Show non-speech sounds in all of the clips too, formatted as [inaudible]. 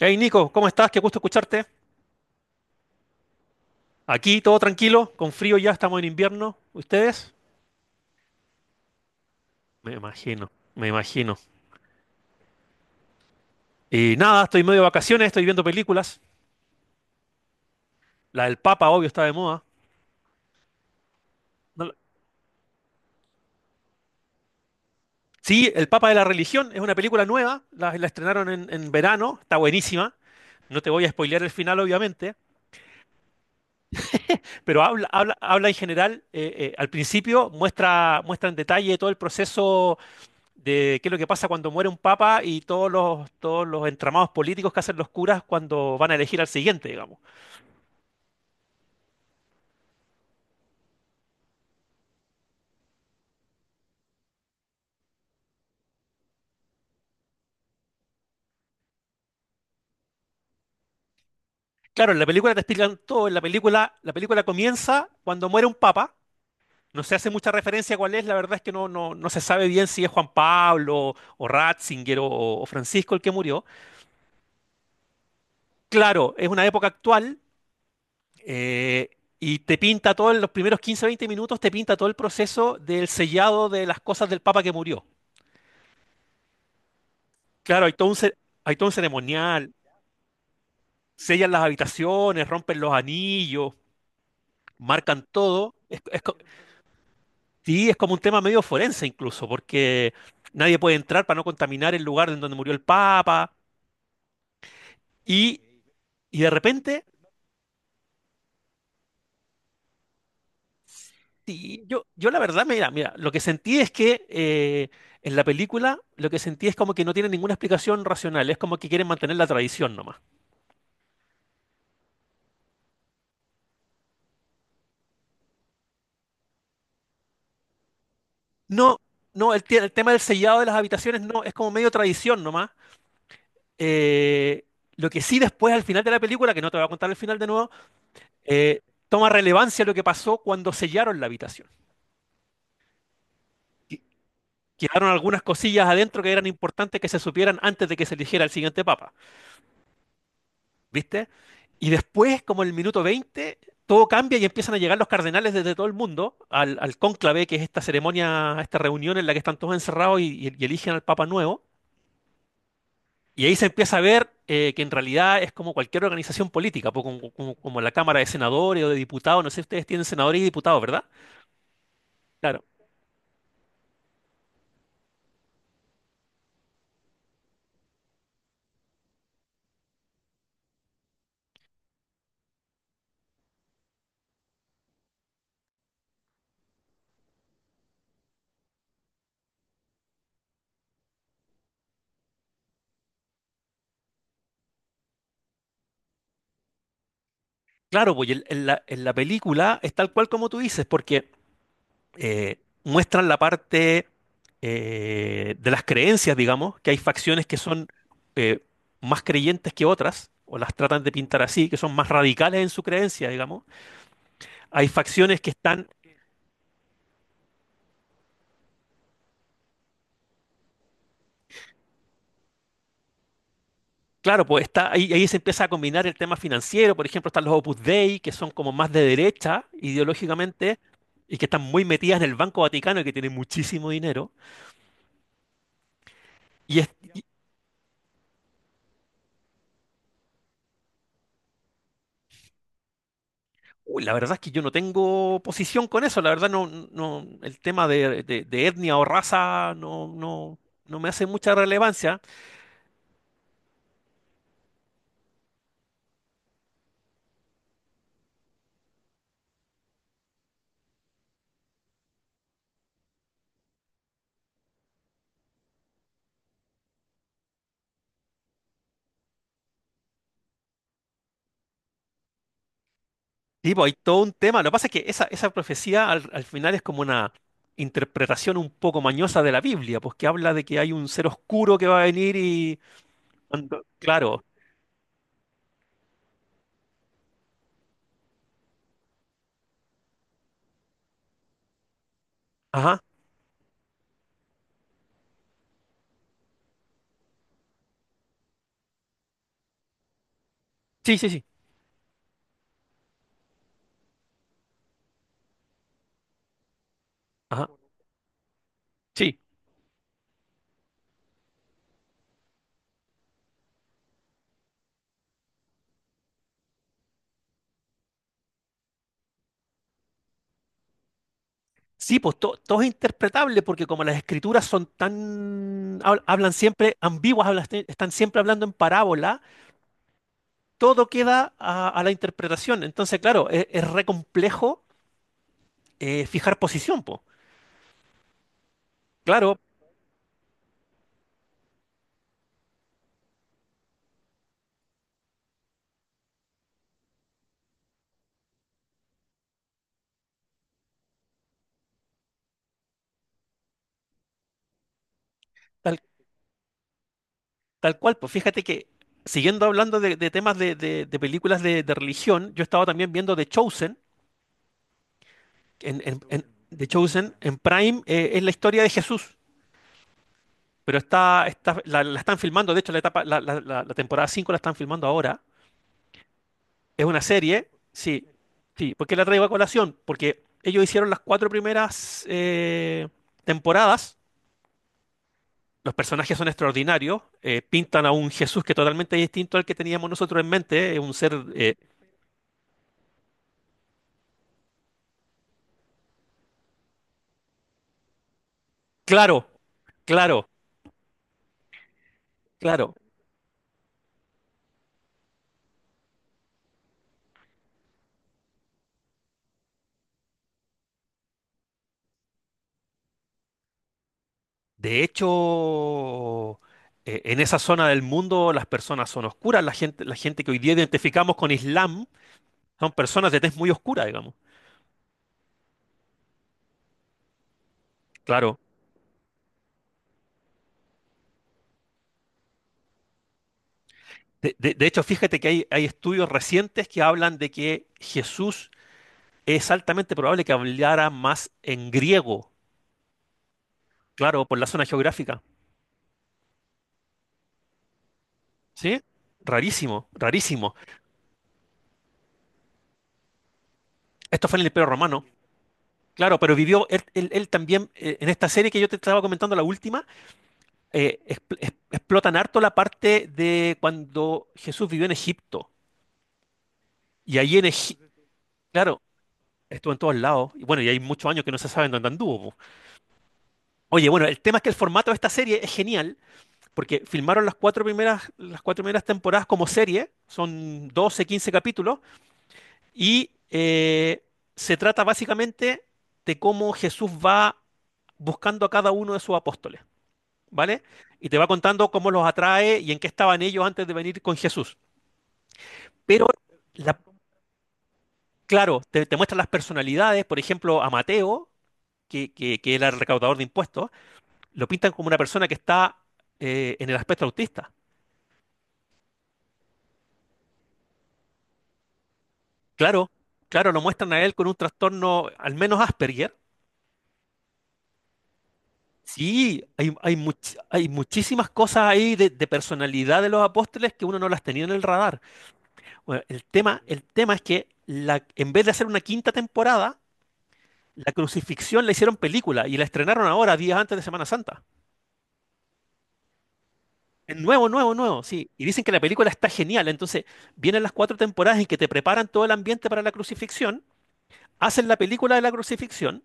Hey Nico, ¿cómo estás? Qué gusto escucharte. Aquí todo tranquilo, con frío ya, estamos en invierno. ¿Ustedes? Me imagino, me imagino. Y nada, estoy medio de vacaciones, estoy viendo películas. La del Papa, obvio, está de moda. No la- Sí, El Papa de la Religión es una película nueva, la estrenaron en verano, está buenísima. No te voy a spoilear el final, obviamente, pero habla en general. Al principio muestra en detalle todo el proceso de qué es lo que pasa cuando muere un papa y todos los entramados políticos que hacen los curas cuando van a elegir al siguiente, digamos. Claro, en la película te explican todo. La película comienza cuando muere un papa. No se hace mucha referencia a cuál es, la verdad es que no se sabe bien si es Juan Pablo o Ratzinger o Francisco el que murió. Claro, es una época actual. eh, y te pinta todo en los primeros 15-20 minutos, te pinta todo el proceso del sellado de las cosas del Papa que murió. Claro, hay todo un ceremonial, sellan las habitaciones, rompen los anillos, marcan todo. Sí, es como un tema medio forense incluso, porque nadie puede entrar para no contaminar el lugar en donde murió el Papa. Y, y de repente, sí. Yo la verdad, mira, mira, lo que sentí es que, en la película lo que sentí es como que no tiene ninguna explicación racional, es como que quieren mantener la tradición nomás. No, no, el tema del sellado de las habitaciones no, es como medio tradición nomás. Eh, lo que sí, después al final de la película, que no te voy a contar el final de nuevo, eh, toma relevancia lo que pasó cuando sellaron la habitación. Que- Quedaron algunas cosillas adentro que eran importantes que se supieran antes de que se eligiera el siguiente papa, ¿viste? Y después, como en el minuto 20, todo cambia y empiezan a llegar los cardenales desde todo el mundo al cónclave, que es esta ceremonia, esta reunión en la que están todos encerrados y eligen al papa nuevo. Y ahí se empieza a ver, que en realidad es como cualquier organización política, como la Cámara de Senadores o de Diputados. No sé si ustedes tienen senadores y diputados, ¿verdad? Claro. Claro, pues y en la película es tal cual como tú dices, porque eh, muestran la parte, de las creencias, digamos, que hay facciones que son, eh, más creyentes que otras, o las tratan de pintar así, que son más radicales en su creencia, digamos. Hay facciones que están. Claro, pues está, ahí se empieza a combinar el tema financiero, por ejemplo, están los Opus Dei, que son como más de derecha ideológicamente y que están muy metidas en el Banco Vaticano, y que tienen muchísimo dinero. Y es, Uy, la verdad es que yo no tengo posición con eso, la verdad no. No, el tema de etnia o raza, no, no me hace mucha relevancia. Tipo, hay todo un tema. Lo que pasa es que esa profecía al final es como una interpretación un poco mañosa de la Biblia, pues que habla de que hay un ser oscuro que va a venir y... Claro. Ajá. Sí, sí, sí. Ajá. Sí. Sí, pues todo es interpretable porque como las escrituras son hablan siempre ambiguas, hablan- están siempre hablando en parábola, todo queda a la interpretación. Entonces, claro, es re complejo, fijar posición, pues. Claro, tal, tal cual, pues fíjate que siguiendo hablando de temas de películas de religión, yo estaba también viendo The Chosen. en, en- en- The Chosen en Prime, es la historia de Jesús. Pero la están filmando, de hecho, la temporada 5 la están filmando ahora. Es una serie, sí, sí. ¿Por qué la traigo a colación? Porque ellos hicieron las cuatro primeras, temporadas. Los personajes son extraordinarios. Pintan a un Jesús que totalmente es distinto al que teníamos nosotros en mente. Es un ser, claro, claro, claro. De hecho, en esa zona del mundo las personas son oscuras. La gente que hoy día identificamos con Islam. Son personas de tez muy oscura, digamos. Claro. De hecho, fíjate que hay estudios recientes que hablan de que Jesús es altamente probable que hablara más en griego, claro, por la zona geográfica. ¿Sí? Rarísimo, rarísimo. Esto fue en el Imperio Romano. Claro, pero vivió él también, en esta serie que yo te estaba comentando, la última, explotan harto la parte de cuando Jesús vivió en Egipto. Y ahí en Egipto, claro, estuvo en todos lados. Y bueno, y hay muchos años que no se sabe en dónde anduvo. Oye, bueno, el tema es que el formato de esta serie es genial, porque filmaron las cuatro primeras temporadas como serie, son 12-15 capítulos, y se trata básicamente de cómo Jesús va buscando a cada uno de sus apóstoles, ¿vale? Y te va contando cómo los atrae y en qué estaban ellos antes de venir con Jesús. Pero, la- claro, te muestran las personalidades, por ejemplo, a Mateo, que era el recaudador de impuestos, lo pintan como una persona que está, en el aspecto autista. Claro, claro, lo muestran a él con un trastorno al menos Asperger. Sí, hay muchísimas cosas ahí de personalidad de los apóstoles que uno no las tenía en el radar. Bueno, el tema es que, en vez de hacer una quinta temporada, la crucifixión la hicieron película y la estrenaron ahora, días antes de Semana Santa. Es nuevo, nuevo, nuevo, sí. Y dicen que la película está genial. Entonces, vienen las cuatro temporadas en que te preparan todo el ambiente para la crucifixión, hacen la película de la crucifixión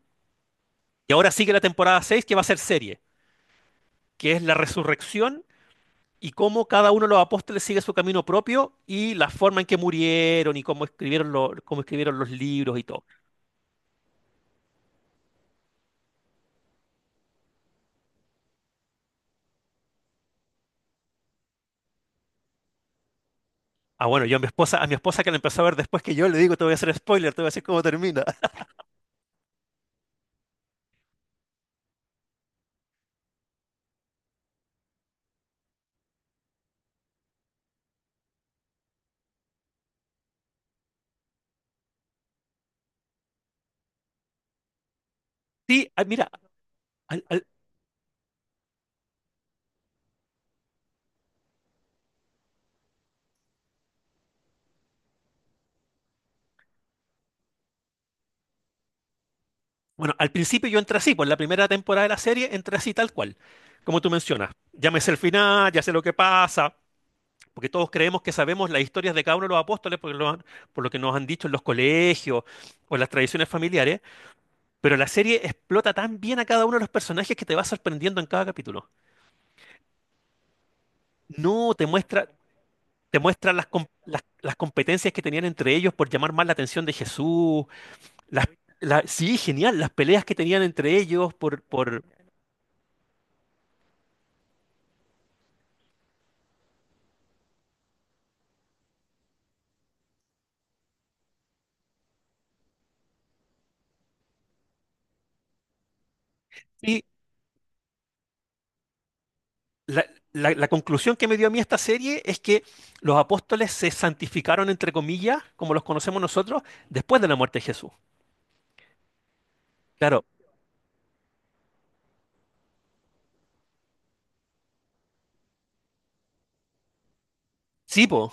y ahora sigue la temporada seis, que va a ser serie, que es la resurrección, y cómo cada uno de los apóstoles sigue su camino propio y la forma en que murieron y cómo escribieron, cómo escribieron los libros y todo. Ah, bueno, yo a mi esposa, que la empezó a ver después, que yo le digo, te voy a hacer spoiler, te voy a decir cómo termina. [laughs] Sí, ah, mira, al, al- bueno, al principio yo entré así, por la primera temporada de la serie entré así tal cual, como tú mencionas. Ya me sé el final, ya sé lo que pasa, porque todos creemos que sabemos las historias de cada uno de los apóstoles porque por lo que nos han dicho en los colegios o en las tradiciones familiares. Pero la serie explota tan bien a cada uno de los personajes que te va sorprendiendo en cada capítulo. No te muestra, te muestra las competencias que tenían entre ellos por llamar más la atención de Jesús. Las, sí, genial, las peleas que tenían entre ellos por... Y la, la conclusión que me dio a mí esta serie es que los apóstoles se santificaron, entre comillas, como los conocemos nosotros, después de la muerte de Jesús. Claro, sí,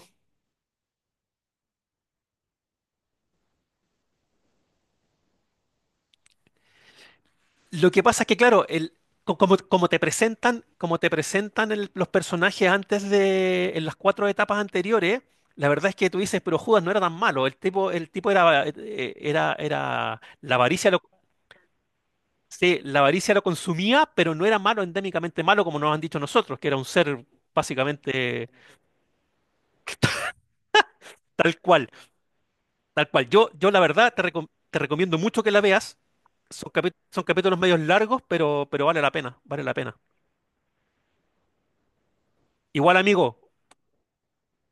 lo que pasa es que, claro, como te presentan los personajes antes de, en las cuatro etapas anteriores, la verdad es que tú dices, pero Judas no era tan malo. El tipo era, sí, la avaricia lo consumía, pero no era malo, endémicamente malo, como nos han dicho nosotros, que era un ser básicamente tal cual, tal cual. Yo la verdad, te recomiendo mucho que la veas. Son capítulos medios largos, pero vale la pena, vale la pena. Igual, amigo.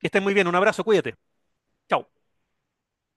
Que estén muy bien. Un abrazo, cuídate. Chao.